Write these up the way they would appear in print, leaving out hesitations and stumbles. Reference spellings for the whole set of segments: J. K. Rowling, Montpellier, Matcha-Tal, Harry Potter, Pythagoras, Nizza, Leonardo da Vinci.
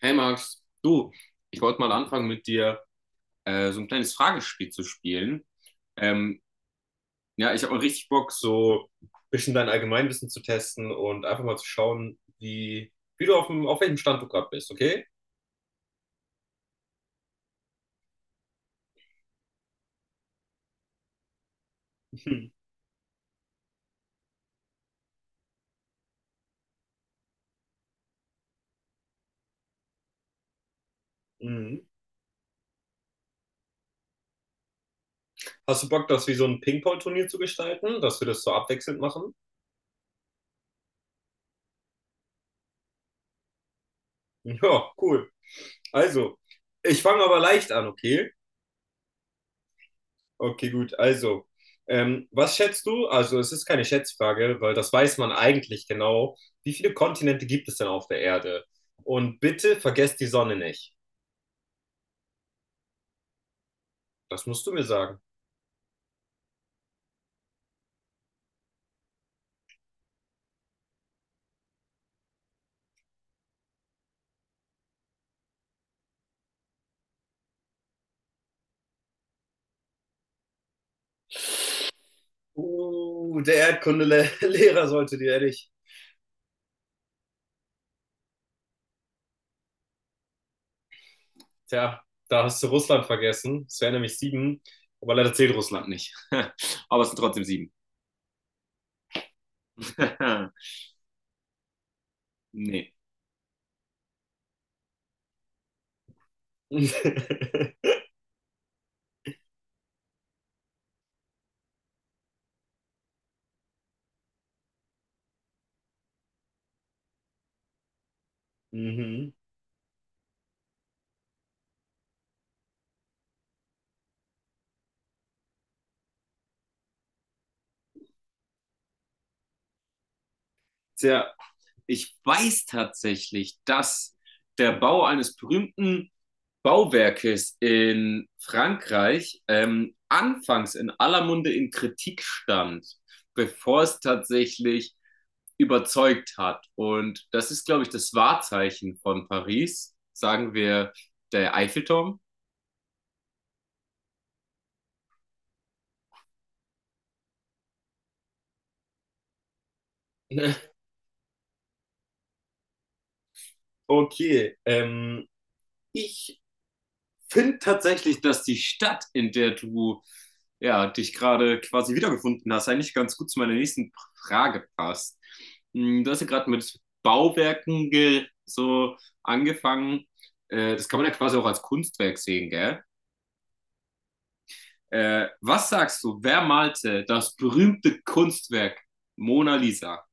Hey Max, du, ich wollte mal anfangen mit dir so ein kleines Fragespiel zu spielen. Ähm, ja, ich habe mal richtig Bock, so ein bisschen dein Allgemeinwissen zu testen und einfach mal zu schauen, wie du auf welchem Stand du gerade bist, okay? Mhm. Hast du Bock, das wie so ein Ping-Pong-Turnier zu gestalten, dass wir das so abwechselnd machen? Ja, cool. Also, ich fange aber leicht an, okay? Okay, gut. Also, was schätzt du? Also, es ist keine Schätzfrage, weil das weiß man eigentlich genau. Wie viele Kontinente gibt es denn auf der Erde? Und bitte vergesst die Sonne nicht. Das musst du mir sagen. Der Erdkundelehrer sollte dir ehrlich. Tja, da hast du Russland vergessen. Es wären nämlich sieben, aber leider zählt Russland nicht. Aber es sind trotzdem sieben. Nee. Mhm. Tja, ich weiß tatsächlich, dass der Bau eines berühmten Bauwerkes in Frankreich anfangs in aller Munde in Kritik stand, bevor es tatsächlich überzeugt hat. Und das ist, glaube ich, das Wahrzeichen von Paris, sagen wir der Eiffelturm. Okay, ich finde tatsächlich, dass die Stadt, in der du ja, dich gerade quasi wiedergefunden hast, eigentlich ganz gut zu meiner nächsten Frage passt. Hm, Du hast ja gerade mit Bauwerken ge so angefangen. Das kann man ja quasi auch als Kunstwerk sehen, gell? Was sagst du, wer malte das berühmte Kunstwerk Mona Lisa?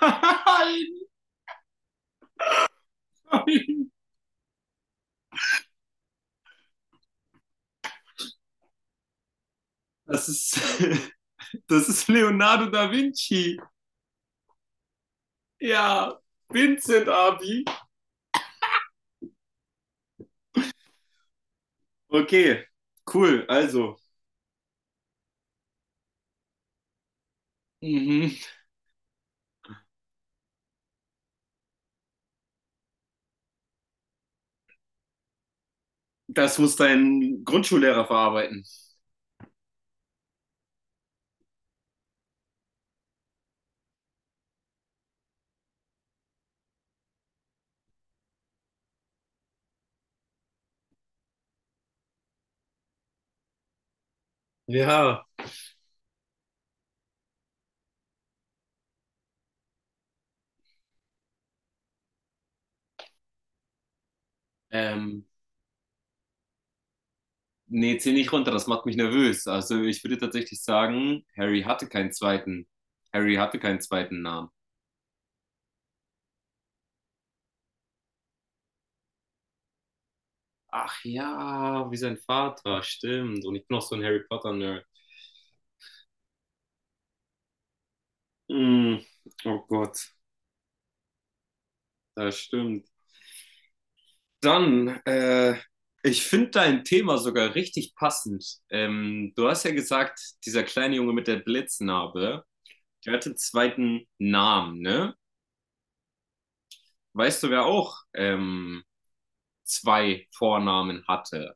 Nein! Das ist, das ist Leonardo da Vinci. Ja, Vincent Abi. Okay, cool. Also, mhm. das muss dein Grundschullehrer verarbeiten. Ja, Ähm, nee, zieh nicht runter, das macht mich nervös. Also, ich würde tatsächlich sagen, Harry hatte keinen zweiten. Harry hatte keinen zweiten Namen. Ach ja, wie sein Vater, stimmt. Und ich bin noch so ein Harry Potter-Nerd. Hm, oh Gott, das stimmt. Dann, ich finde dein Thema sogar richtig passend. Du hast ja gesagt, dieser kleine Junge mit der Blitznarbe. Der hatte zweiten Namen, ne? Weißt du, wer auch zwei Vornamen hatte?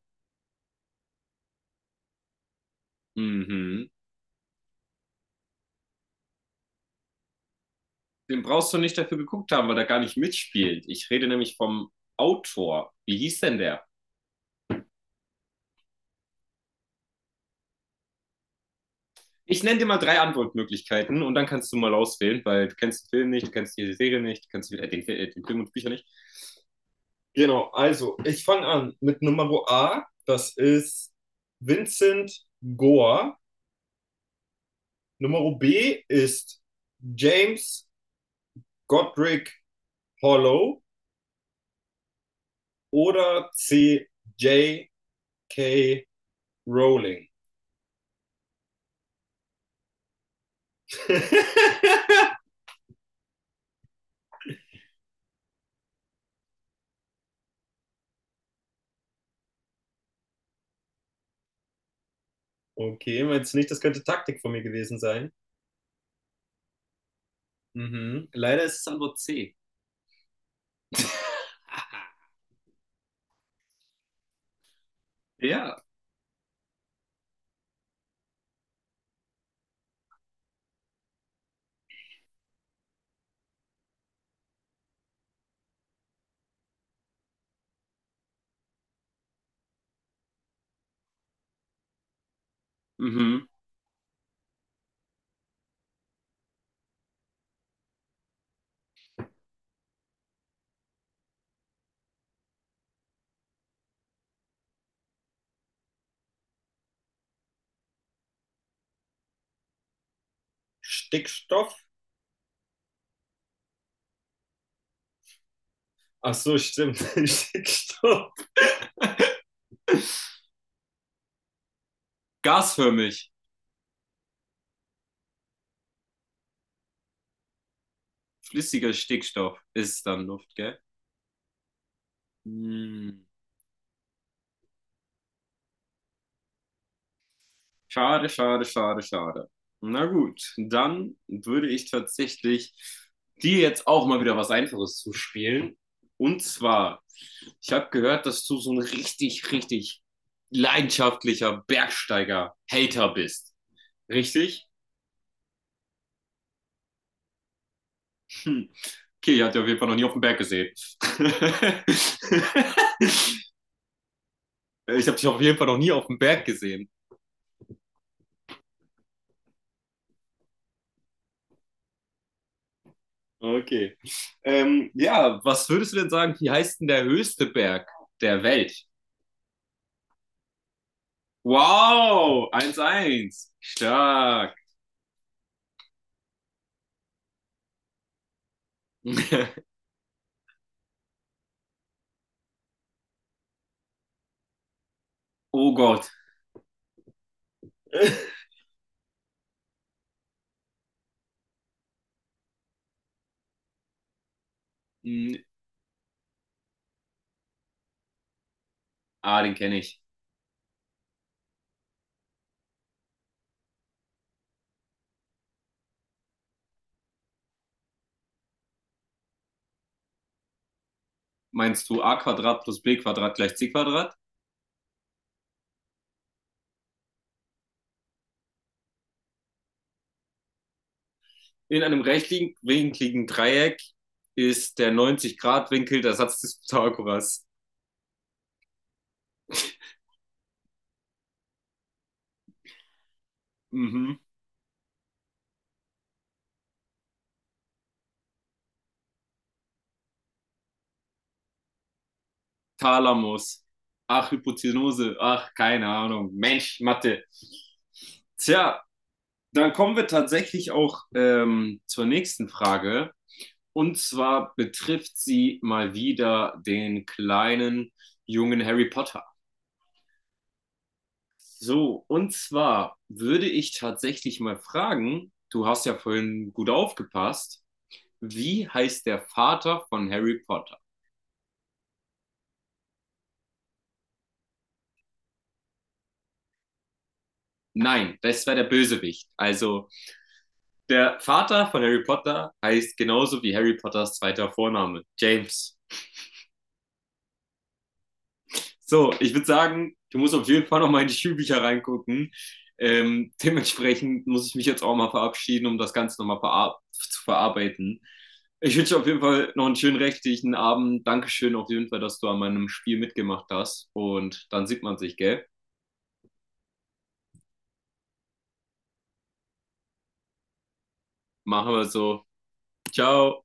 Mhm. Den brauchst du nicht dafür geguckt haben, weil er gar nicht mitspielt. Ich rede nämlich vom Autor. Wie hieß denn der? Ich nenne dir mal drei Antwortmöglichkeiten und dann kannst du mal auswählen, weil du kennst den Film nicht, du kennst die Serie nicht, du kennst den Film und die Bücher nicht. Genau, also ich fange an mit Nummer A, das ist Vincent Gore. Nummer B ist James Godric Hollow oder C. J. K. Rowling? Okay, meinst du nicht, das könnte Taktik von mir gewesen sein? Mhm. Leider ist es Antwort C. Ja. Mhm. Stickstoff? Ach so, stimmt. Stickstoff. Gasförmig. Flüssiger Stickstoff ist dann Luft, gell? Hm. Schade, schade, schade, schade. Na gut, dann würde ich tatsächlich dir jetzt auch mal wieder was Einfaches zuspielen. Und zwar, ich habe gehört, dass du so ein richtig, richtig leidenschaftlicher Bergsteiger-Hater bist. Richtig? Hm. Okay, ich habe dich auf jeden Fall noch nie auf dem Berg gesehen. Ich habe dich auf jeden Fall noch nie auf dem Berg gesehen. Okay. Ja, was würdest du denn sagen, wie heißt denn der höchste Berg der Welt? Wow, 1:1, stark. Oh Gott. Ah, den kenne ich. Meinst du a Quadrat plus b Quadrat gleich c Quadrat? In einem rechtwinkligen Dreieck ist der 90 Grad winkel der Satz des Pythagoras. Mhm. Thalamus. Ach, Hypotenuse. Ach, keine Ahnung. Mensch, Mathe. Tja, dann kommen wir tatsächlich auch zur nächsten Frage. Und zwar betrifft sie mal wieder den kleinen jungen Harry Potter. So, und zwar würde ich tatsächlich mal fragen, du hast ja vorhin gut aufgepasst, wie heißt der Vater von Harry Potter? Nein, das war der Bösewicht. Also der Vater von Harry Potter heißt genauso wie Harry Potters zweiter Vorname, James. So, ich würde sagen, du musst auf jeden Fall noch mal in die Schulbücher reingucken. Dementsprechend muss ich mich jetzt auch mal verabschieden, um das Ganze nochmal verar zu verarbeiten. Ich wünsche dir auf jeden Fall noch einen schönen restlichen Abend. Dankeschön auf jeden Fall, dass du an meinem Spiel mitgemacht hast. Und dann sieht man sich, gell? Machen wir so. Ciao.